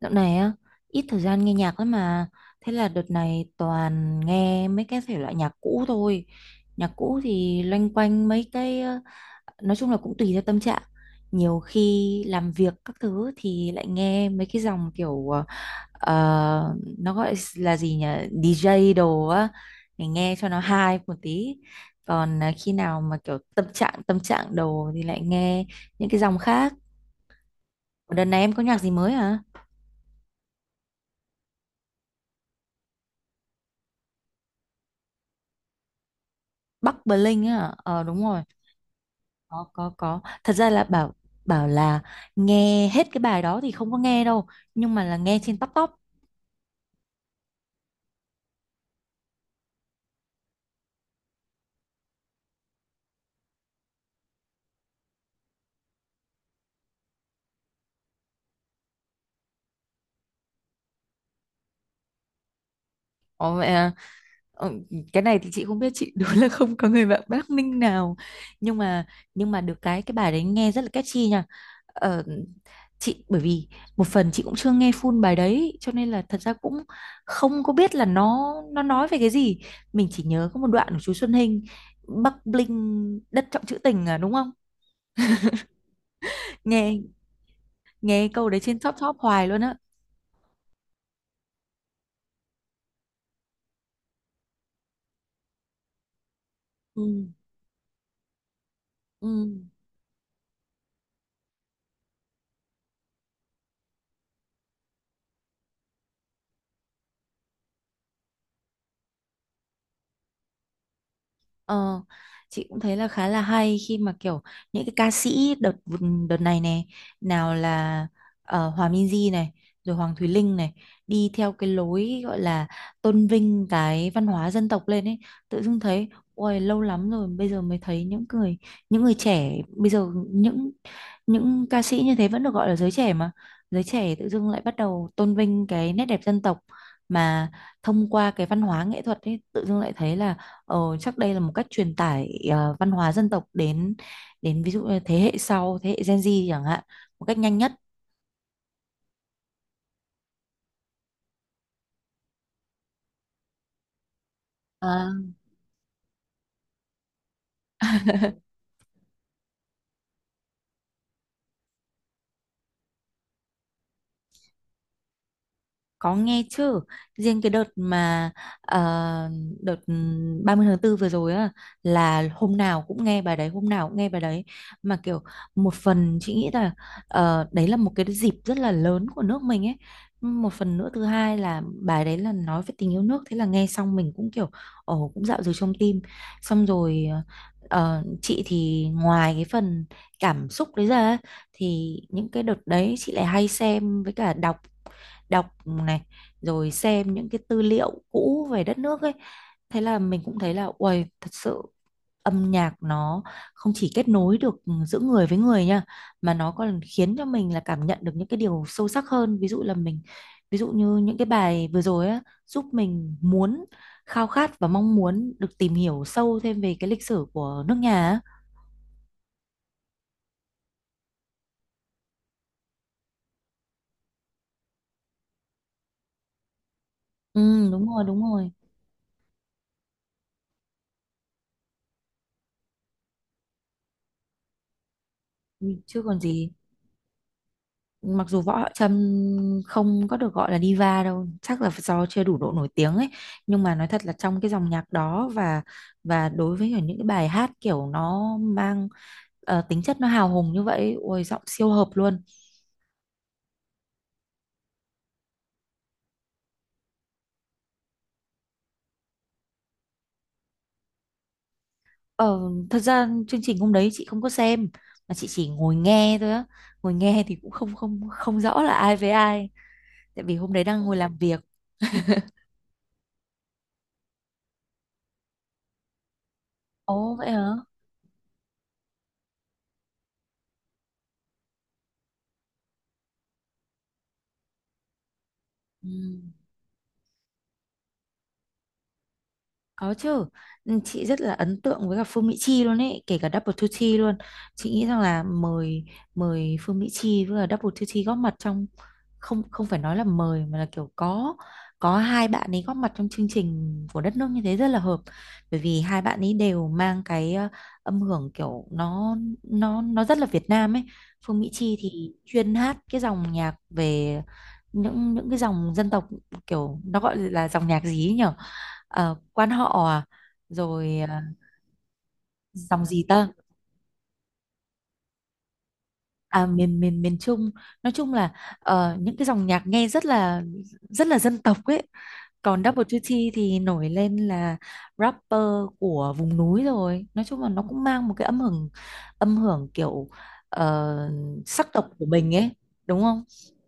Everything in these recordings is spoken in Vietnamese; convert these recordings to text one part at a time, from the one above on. Dạo này á, ít thời gian nghe nhạc lắm mà. Thế là đợt này toàn nghe mấy cái thể loại nhạc cũ thôi. Nhạc cũ thì loanh quanh mấy cái, nói chung là cũng tùy theo tâm trạng. Nhiều khi làm việc các thứ thì lại nghe mấy cái dòng kiểu, nó gọi là gì nhỉ? DJ đồ á, để nghe cho nó hay một tí. Còn khi nào mà kiểu tâm trạng đồ thì lại nghe những cái dòng khác. Đợt này em có nhạc gì mới hả? Bắc Bling Linh á, đúng rồi. Có, thật ra là bảo bảo là nghe hết cái bài đó thì không có nghe đâu, nhưng mà là nghe trên top top. Ồ, mẹ à. Ờ, cái này thì chị không biết chị đúng là không có người bạn Bắc Ninh nào, nhưng mà nhưng mà được cái bài đấy nghe rất là catchy nha. ờ, chị bởi vì một phần chị cũng chưa nghe full bài đấy cho nên là thật ra cũng không có biết là nó nói về cái gì. Mình chỉ nhớ có một đoạn của chú Xuân Hinh: Bắc Bling đất trọng trữ tình à đúng không? Nghe nghe câu đấy trên top top hoài luôn á. Ừ. Ừ. Ờ, chị cũng thấy là khá là hay khi mà kiểu những cái ca sĩ đợt đợt này này, nào là Hòa Minzy này, rồi Hoàng Thùy Linh này, đi theo cái lối gọi là tôn vinh cái văn hóa dân tộc lên ấy, tự dưng thấy ôi lâu lắm rồi bây giờ mới thấy những người trẻ bây giờ, những ca sĩ như thế vẫn được gọi là giới trẻ mà giới trẻ tự dưng lại bắt đầu tôn vinh cái nét đẹp dân tộc mà thông qua cái văn hóa nghệ thuật ấy, tự dưng lại thấy là Chắc đây là một cách truyền tải văn hóa dân tộc đến đến ví dụ như thế hệ sau, thế hệ Gen Z chẳng hạn, một cách nhanh nhất. À. Có nghe chứ, riêng cái đợt mà ờ, đợt 30 tháng 4 vừa rồi á là hôm nào cũng nghe bài đấy, hôm nào cũng nghe bài đấy, mà kiểu một phần chị nghĩ là đấy là một cái dịp rất là lớn của nước mình ấy. Một phần nữa thứ hai là bài đấy là nói về tình yêu nước, thế là nghe xong mình cũng kiểu ồ cũng dạo dừng trong tim. Xong rồi chị thì ngoài cái phần cảm xúc đấy ra á, thì những cái đợt đấy chị lại hay xem với cả đọc, đọc này, rồi xem những cái tư liệu cũ về đất nước ấy, thế là mình cũng thấy là uầy thật sự âm nhạc nó không chỉ kết nối được giữa người với người nha, mà nó còn khiến cho mình là cảm nhận được những cái điều sâu sắc hơn, ví dụ như những cái bài vừa rồi á giúp mình muốn khao khát và mong muốn được tìm hiểu sâu thêm về cái lịch sử của nước nhà á. Ừ, đúng rồi, đúng rồi. Ừ, chứ còn gì. Mặc dù Võ Hạo Trâm không có được gọi là diva đâu, chắc là do chưa đủ độ nổi tiếng ấy, nhưng mà nói thật là trong cái dòng nhạc đó, và đối với cả những cái bài hát kiểu nó mang tính chất nó hào hùng như vậy, ôi giọng siêu hợp luôn. ờ, Thật ra chương trình hôm đấy chị không có xem, mà chị chỉ ngồi nghe thôi á, ngồi nghe thì cũng không không không rõ là ai với ai, tại vì hôm đấy đang ngồi làm việc. Ồ vậy hả. Ừ. Có chứ. Ừ, chị rất là ấn tượng với cả Phương Mỹ Chi luôn ấy, kể cả Double Duty luôn. Chị nghĩ rằng là mời mời Phương Mỹ Chi với cả Double Duty góp mặt trong, không không phải nói là mời, mà là kiểu có hai bạn ấy góp mặt trong chương trình của đất nước như thế rất là hợp. Bởi vì hai bạn ấy đều mang cái âm hưởng kiểu nó rất là Việt Nam ấy. Phương Mỹ Chi thì chuyên hát cái dòng nhạc về những cái dòng dân tộc, kiểu nó gọi là dòng nhạc gì ấy nhỉ? Quan họ à? Rồi dòng gì ta? À, miền miền miền Trung, nói chung là những cái dòng nhạc nghe rất là dân tộc ấy. Còn Double Duty thì nổi lên là rapper của vùng núi, rồi nói chung là nó cũng mang một cái âm hưởng kiểu ờ, sắc tộc của mình ấy đúng không?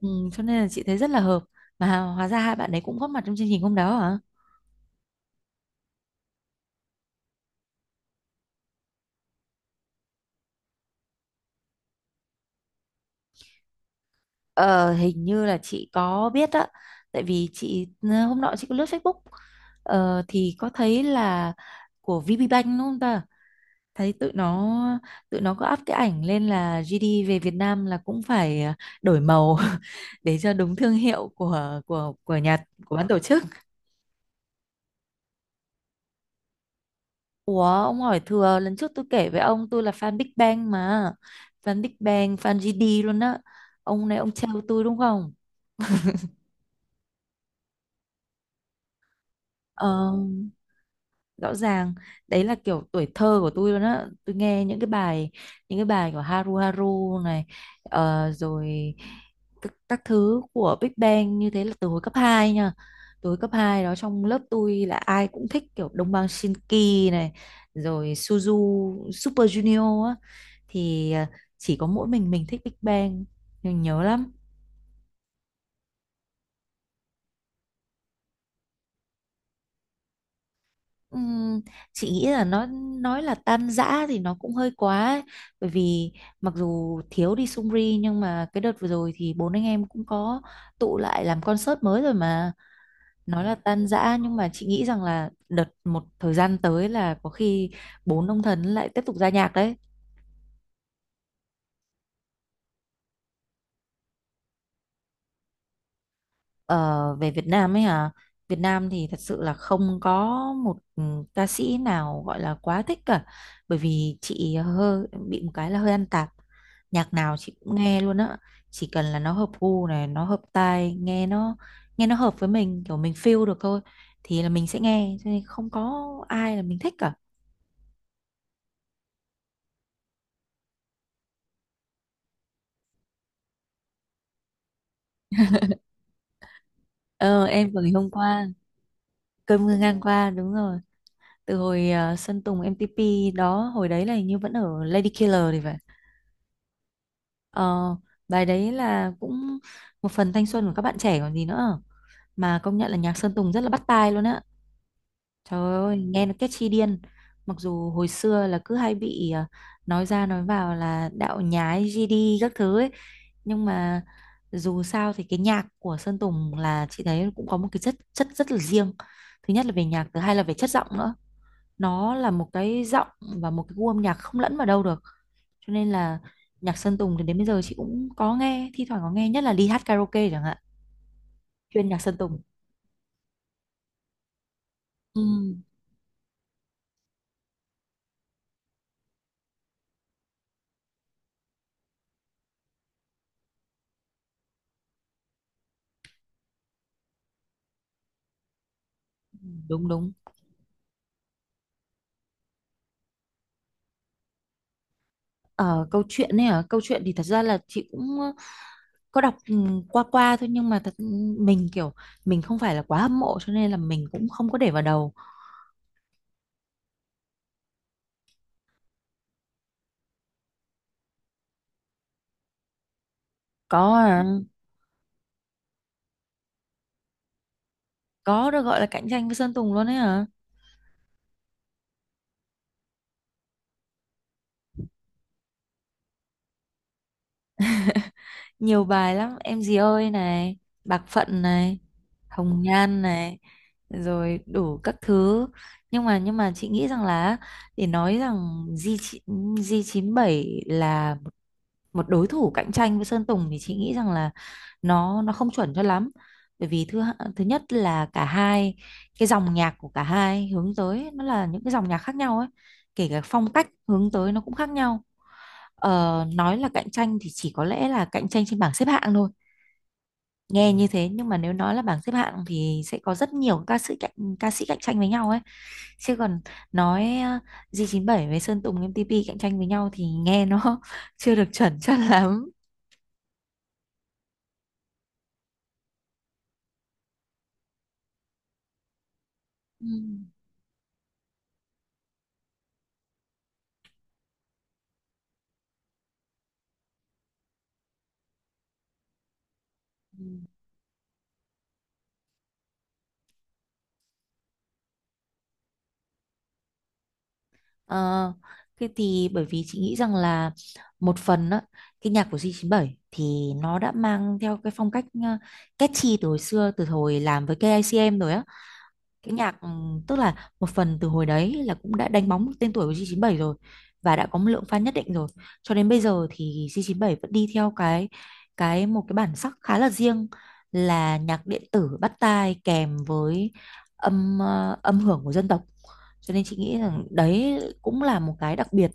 Ừ, cho nên là chị thấy rất là hợp, mà hóa ra hai bạn ấy cũng góp mặt trong chương trình hôm đó hả. Ờ, hình như là chị có biết á, tại vì hôm nọ chị có lướt Facebook, thì có thấy là của VPBank đúng không ta, thấy tụi nó có up cái ảnh lên là GD về Việt Nam là cũng phải đổi màu để cho đúng thương hiệu của nhà, của ban tổ chức. Ủa ông hỏi thừa, lần trước tôi kể với ông tôi là fan Big Bang mà, fan Big Bang fan GD luôn á, ông này ông trêu tôi đúng không? Ờ rõ ràng đấy là kiểu tuổi thơ của tôi luôn á, tôi nghe những cái bài của Haru Haru này, rồi các thứ của Big Bang như thế là từ hồi cấp 2 nha, từ hồi cấp 2 đó trong lớp tôi là ai cũng thích kiểu Đông Bang Shinki này, rồi Suzu Super Junior á, thì chỉ có mỗi mình thích Big Bang, mình nhớ lắm. Ừm, chị nghĩ là nó nói là tan rã thì nó cũng hơi quá ấy. Bởi vì mặc dù thiếu đi Sungri, nhưng mà cái đợt vừa rồi thì bốn anh em cũng có tụ lại làm concert mới rồi mà. Nói là tan rã nhưng mà chị nghĩ rằng là đợt một thời gian tới là có khi bốn ông thần lại tiếp tục ra nhạc đấy. Ờ, về Việt Nam ấy hả? Việt Nam thì thật sự là không có một ca sĩ nào gọi là quá thích cả. Bởi vì chị hơi bị một cái là hơi ăn tạp. Nhạc nào chị cũng nghe luôn á. Chỉ cần là nó hợp gu này, nó hợp tai, nghe nó hợp với mình, kiểu mình feel được thôi thì là mình sẽ nghe, cho nên không có ai là mình thích cả. Ờ em vừa ngày hôm qua. Cơn mưa ngang qua đúng rồi. Từ hồi Sơn Tùng MTP đó, hồi đấy là hình như vẫn ở Lady Killer thì phải. Ờ, bài đấy là cũng một phần thanh xuân của các bạn trẻ còn gì nữa. Mà công nhận là nhạc Sơn Tùng rất là bắt tai luôn á. Trời ơi, nghe nó catchy điên. Mặc dù hồi xưa là cứ hay bị nói ra nói vào là đạo nhái GD các thứ ấy. Nhưng mà dù sao thì cái nhạc của Sơn Tùng là chị thấy cũng có một cái chất chất rất là riêng. Thứ nhất là về nhạc, thứ hai là về chất giọng nữa, nó là một cái giọng và một cái gu âm nhạc không lẫn vào đâu được, cho nên là nhạc Sơn Tùng thì đến bây giờ chị cũng có nghe, thi thoảng có nghe nhất là đi hát karaoke chẳng hạn, chuyên nhạc Sơn Tùng. Ừ. Ừ, đúng, đúng. Ở câu chuyện thì thật ra là chị cũng có đọc qua qua thôi, nhưng mà thật mình kiểu mình không phải là quá hâm mộ cho nên là mình cũng không có để vào đầu. Có ờ, có được gọi là cạnh tranh với Sơn Tùng luôn ấy hả? Nhiều bài lắm em gì ơi này, bạc phận này, hồng nhan này, rồi đủ các thứ. Nhưng mà chị nghĩ rằng là để nói rằng G g chín bảy là một đối thủ cạnh tranh với Sơn Tùng thì chị nghĩ rằng là nó không chuẩn cho lắm, bởi vì thứ nhất là cả hai cái dòng nhạc của cả hai hướng tới nó là những cái dòng nhạc khác nhau ấy, kể cả phong cách hướng tới nó cũng khác nhau. Nói là cạnh tranh thì chỉ có lẽ là cạnh tranh trên bảng xếp hạng thôi, nghe như thế, nhưng mà nếu nói là bảng xếp hạng thì sẽ có rất nhiều ca sĩ cạnh tranh với nhau ấy, chứ còn nói G97 với Sơn Tùng MTP cạnh tranh với nhau thì nghe nó chưa được chuẩn chắc lắm. Ừ. Ừ. Ờ, cái thì bởi vì chị nghĩ rằng là một phần á, cái nhạc của G97 thì nó đã mang theo cái phong cách catchy từ hồi xưa, từ hồi làm với KICM rồi á, cái nhạc tức là một phần từ hồi đấy là cũng đã đánh bóng tên tuổi của G97 rồi và đã có một lượng fan nhất định rồi, cho đến bây giờ thì G97 vẫn đi theo cái một cái bản sắc khá là riêng, là nhạc điện tử bắt tai kèm với âm hưởng của dân tộc, cho nên chị nghĩ rằng đấy cũng là một cái đặc biệt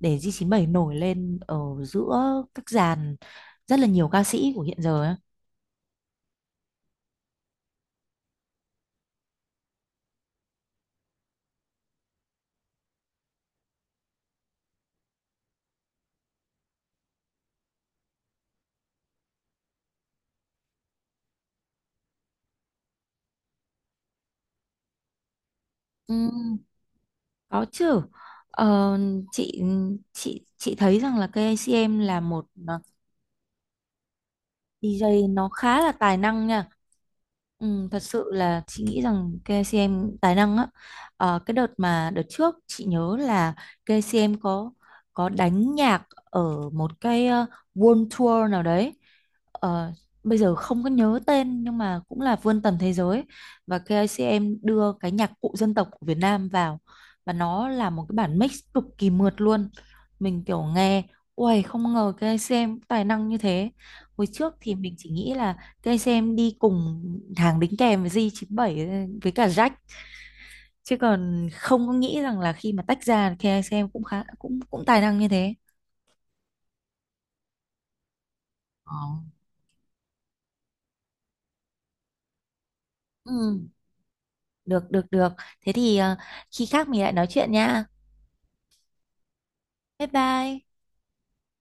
để G97 nổi lên ở giữa các dàn rất là nhiều ca sĩ của hiện giờ ấy. Ừ, có chứ. Ờ, chị chị thấy rằng là KCM là một DJ nó khá là tài năng nha. Ừ, thật sự là chị nghĩ rằng KCM tài năng á. Ờ, cái đợt mà đợt trước chị nhớ là KCM có đánh nhạc ở một cái World Tour nào đấy. Ờ, bây giờ không có nhớ tên nhưng mà cũng là vươn tầm thế giới, và KCM đưa cái nhạc cụ dân tộc của Việt Nam vào, và nó là một cái bản mix cực kỳ mượt luôn. Mình kiểu nghe, ui không ngờ KCM tài năng như thế. Hồi trước thì mình chỉ nghĩ là cây sen đi cùng hàng đính kèm với G97 với cả Jack, chứ còn không có nghĩ rằng là khi mà tách ra cây sen cũng khá cũng cũng tài năng như thế. Ờ. Ừ, được, được, được. Thế thì khi khác mình lại nói chuyện nha. Bye bye.